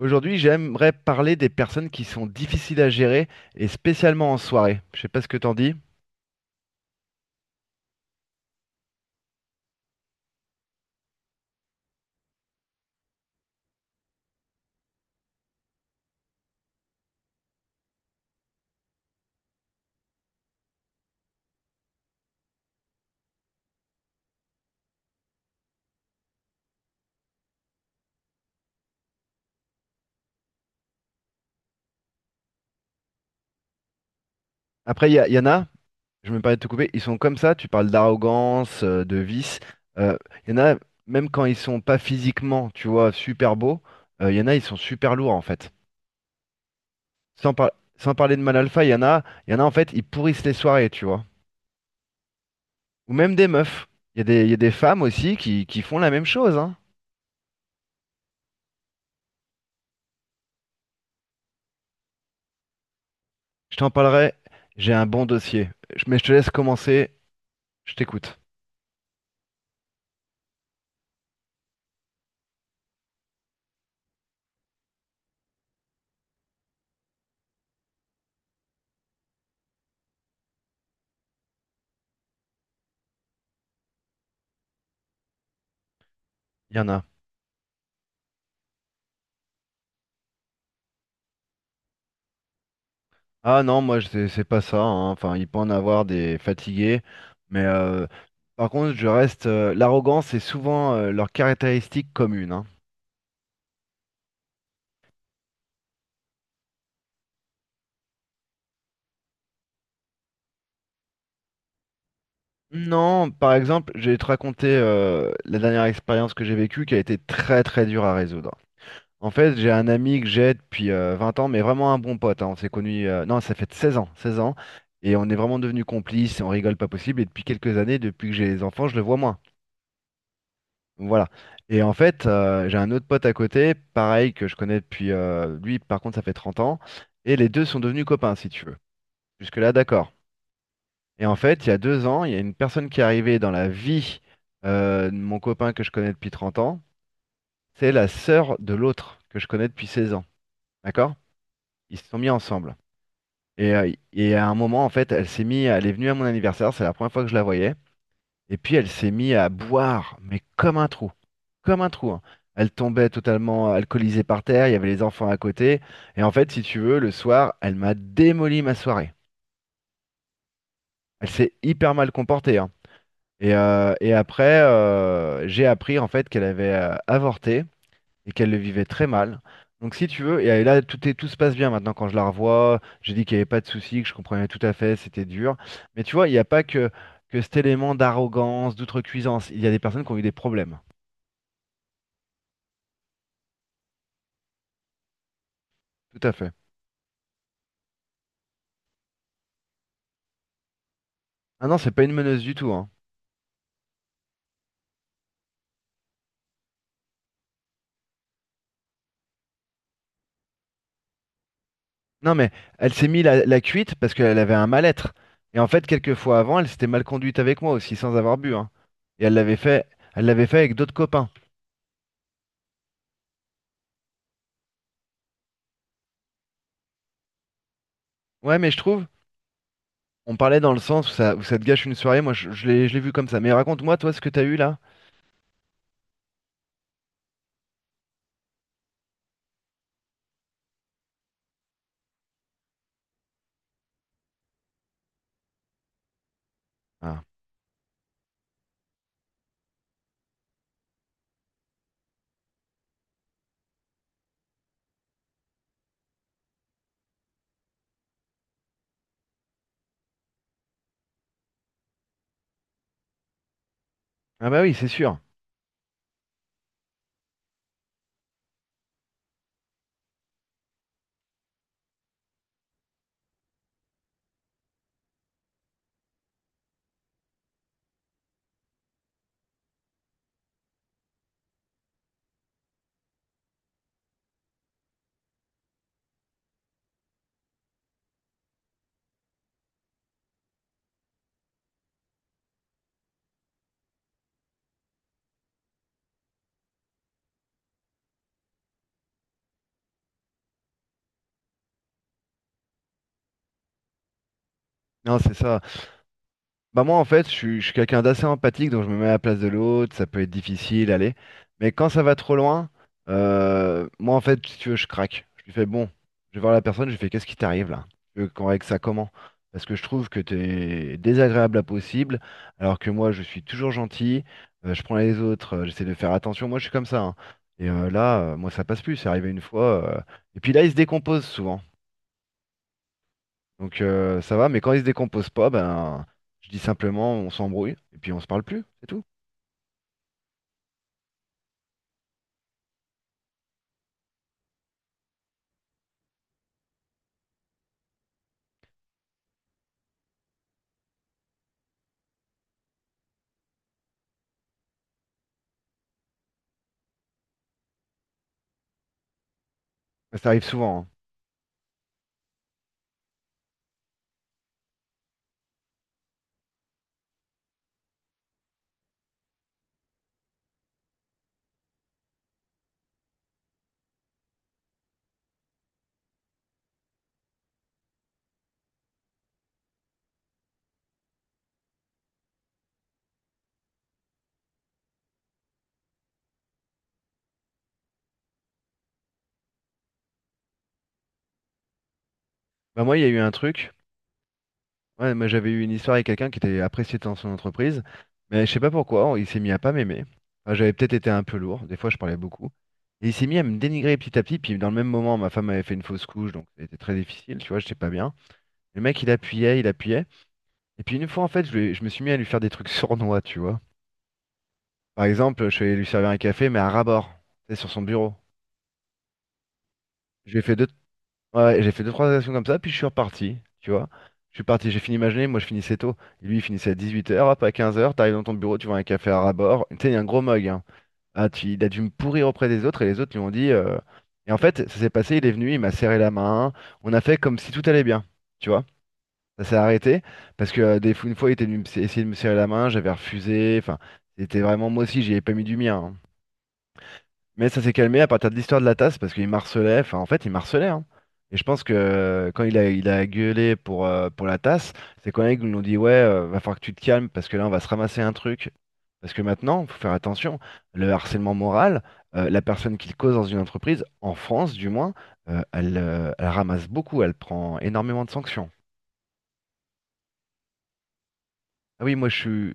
Aujourd'hui, j'aimerais parler des personnes qui sont difficiles à gérer et spécialement en soirée. Je sais pas ce que t'en dis. Après, il y en a, je me permets de te couper, ils sont comme ça. Tu parles d'arrogance, de vice. Euh, Il y en a, même quand ils sont pas physiquement, tu vois, super beaux, il y en a, ils sont super lourds en fait. Sans, par- sans parler de mal alpha, il y en a en fait, ils pourrissent les soirées, tu vois. Ou même des meufs. Il y a des femmes aussi qui font la même chose, hein. Je t'en parlerai. J'ai un bon dossier. Mais je te laisse commencer. Je t'écoute. Il y en a. Ah non, moi c'est pas ça, hein. Enfin, il peut en avoir des fatigués, mais par contre, je reste. L'arrogance est souvent leur caractéristique commune, hein. Non, par exemple, je vais te raconter la dernière expérience que j'ai vécue qui a été très très dure à résoudre. En fait, j'ai un ami que j'ai depuis 20 ans, mais vraiment un bon pote, hein. On s'est connus, non, ça fait 16 ans, 16 ans, et on est vraiment devenus complices, et on rigole pas possible. Et depuis quelques années, depuis que j'ai les enfants, je le vois moins. Voilà. Et en fait, j'ai un autre pote à côté, pareil, que je connais depuis... lui, par contre, ça fait 30 ans. Et les deux sont devenus copains, si tu veux. Jusque-là, d'accord. Et en fait, il y a 2 ans, il y a une personne qui est arrivée dans la vie de mon copain que je connais depuis 30 ans. C'est la sœur de l'autre que je connais depuis 16 ans. D'accord? Ils se sont mis ensemble. Et à un moment, en fait, elle est venue à mon anniversaire. C'est la première fois que je la voyais. Et puis elle s'est mise à boire, mais comme un trou, comme un trou, hein. Elle tombait totalement alcoolisée par terre, il y avait les enfants à côté. Et en fait, si tu veux, le soir, elle m'a démoli ma soirée. Elle s'est hyper mal comportée, hein. Et après, j'ai appris en fait qu'elle avait avorté et qu'elle le vivait très mal. Donc si tu veux, là, tout se passe bien maintenant quand je la revois. J'ai dit qu'il n'y avait pas de souci, que je comprenais tout à fait, c'était dur. Mais tu vois, il n'y a pas que cet élément d'arrogance, d'outrecuidance. Il y a des personnes qui ont eu des problèmes. Tout à fait. Ah non, c'est pas une meneuse du tout, hein. Non, mais elle s'est mis la cuite parce qu'elle avait un mal-être. Et en fait, quelques fois avant, elle s'était mal conduite avec moi aussi, sans avoir bu, hein. Et elle l'avait fait avec d'autres copains. Ouais, mais je trouve, on parlait dans le sens où ça te gâche une soirée. Moi, je l'ai vu comme ça. Mais raconte-moi, toi, ce que t'as eu là. Ah. Ah bah oui, c'est sûr. Non, c'est ça. Bah moi en fait je suis quelqu'un d'assez empathique donc je me mets à la place de l'autre, ça peut être difficile, allez. Mais quand ça va trop loin, moi en fait si tu veux je craque. Je lui fais bon, je vais voir la personne, je lui fais qu'est-ce qui t'arrive là? Tu veux qu'on règle ça comment? Parce que je trouve que t'es désagréable à possible, alors que moi je suis toujours gentil, je prends les autres, j'essaie de faire attention, moi je suis comme ça, hein. Et là, moi ça passe plus, c'est arrivé une fois. Et puis là il se décompose souvent. Donc ça va, mais quand il se décompose pas, ben je dis simplement on s'embrouille et puis on se parle plus, c'est tout. Mais ça arrive souvent, hein. Ben moi il y a eu un truc. Ouais, moi j'avais eu une histoire avec quelqu'un qui était apprécié dans son entreprise, mais je sais pas pourquoi, il s'est mis à pas m'aimer. Enfin, j'avais peut-être été un peu lourd, des fois je parlais beaucoup. Et il s'est mis à me dénigrer petit à petit, puis dans le même moment, ma femme avait fait une fausse couche, donc c'était très difficile, tu vois, j'étais pas bien. Le mec, il appuyait, il appuyait. Et puis une fois, en fait, je me suis mis à lui faire des trucs sournois, tu vois. Par exemple, je suis allé lui servir un café, mais à ras-bord, tu sais, sur son bureau. J'ai fait deux, ouais, j'ai fait deux, trois actions comme ça, puis je suis reparti, tu vois. Je suis parti, j'ai fini ma journée, moi je finissais tôt. Lui, il finissait à 18h, hop, à 15h, t'arrives dans ton bureau, tu vois un café à rabord. Tu sais, il y a un gros mug, hein. Ah, il a dû me pourrir auprès des autres, et les autres lui ont dit. Et en fait, ça s'est passé, il est venu, il m'a serré la main, on a fait comme si tout allait bien, tu vois. Ça s'est arrêté, parce que une fois, il était venu essayer de me serrer la main, j'avais refusé, enfin, c'était vraiment, moi aussi, j'y ai pas mis du mien, hein. Mais ça s'est calmé à partir de l'histoire de la tasse parce qu'il marcelait, enfin en fait il marcelait, hein. Et je pense que quand il a gueulé pour la tasse, c'est quand ils nous ont dit ouais, va falloir que tu te calmes parce que là on va se ramasser un truc. Parce que maintenant, faut faire attention, le harcèlement moral, la personne qui le cause dans une entreprise, en France du moins, elle ramasse beaucoup, elle prend énormément de sanctions. Ah oui, moi je suis.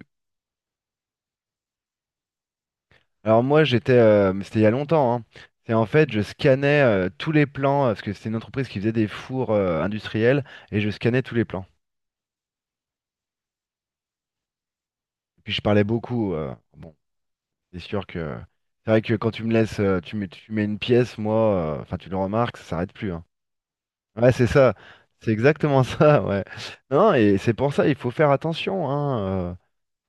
Alors moi j'étais, mais c'était il y a longtemps, hein. C'est en fait je scannais tous les plans, parce que c'était une entreprise qui faisait des fours industriels, et je scannais tous les plans. Et puis je parlais beaucoup. Bon, c'est sûr que c'est vrai que quand tu me laisses, tu mets une pièce, moi, enfin tu le remarques, ça s'arrête plus, hein. Ouais c'est ça, c'est exactement ça, ouais. Non, et c'est pour ça il faut faire attention, hein.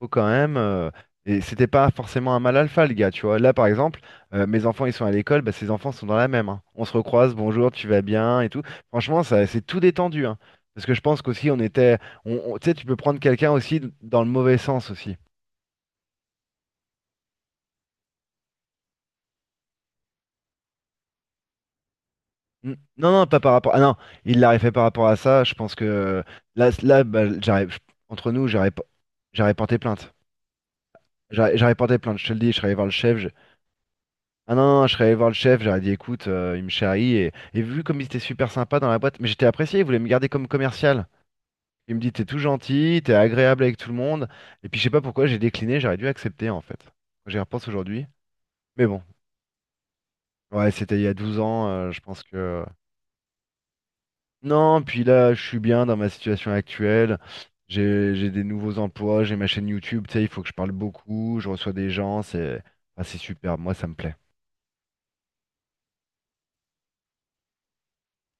Faut quand même. Et c'était pas forcément un mal alpha, le gars, tu vois. Là, par exemple, mes enfants, ils sont à l'école, bah, ses enfants sont dans la même, hein. On se recroise, bonjour, tu vas bien et tout. Franchement, ça, c'est tout détendu, hein. Parce que je pense qu'aussi, on était. Tu sais, tu peux prendre quelqu'un aussi dans le mauvais sens aussi. Mm. Non, non, pas par rapport. Ah non, il l'aurait fait par rapport à ça. Je pense que là, là bah, entre nous, j'aurais porté plainte. J'aurais porté plainte, je te le dis, je serais allé voir le chef. Ah non, non, je serais allé voir le chef, j'aurais dit écoute, il me charrie et vu comme il était super sympa dans la boîte, mais j'étais apprécié, il voulait me garder comme commercial. Il me dit t'es tout gentil, t'es agréable avec tout le monde. Et puis je sais pas pourquoi j'ai décliné, j'aurais dû accepter en fait. J'y repense aujourd'hui. Mais bon, ouais, c'était il y a 12 ans, je pense que. Non, puis là, je suis bien dans ma situation actuelle. J'ai des nouveaux emplois, j'ai ma chaîne YouTube, tu sais, il faut que je parle beaucoup, je reçois des gens, c'est superbe, moi ça me plaît.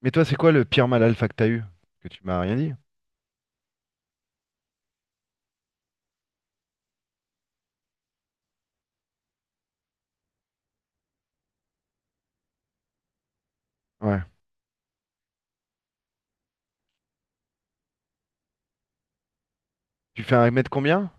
Mais toi, c'est quoi le pire mal alpha que t'as eu? Que tu m'as rien dit? Ouais. Tu fais un mètre combien?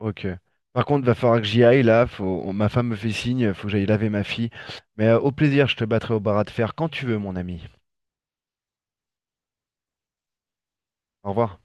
Ok. Par contre, va falloir que j'y aille là. Ma femme me fait signe, faut que j'aille laver ma fille. Mais au plaisir, je te battrai au barat de fer quand tu veux, mon ami. Au revoir.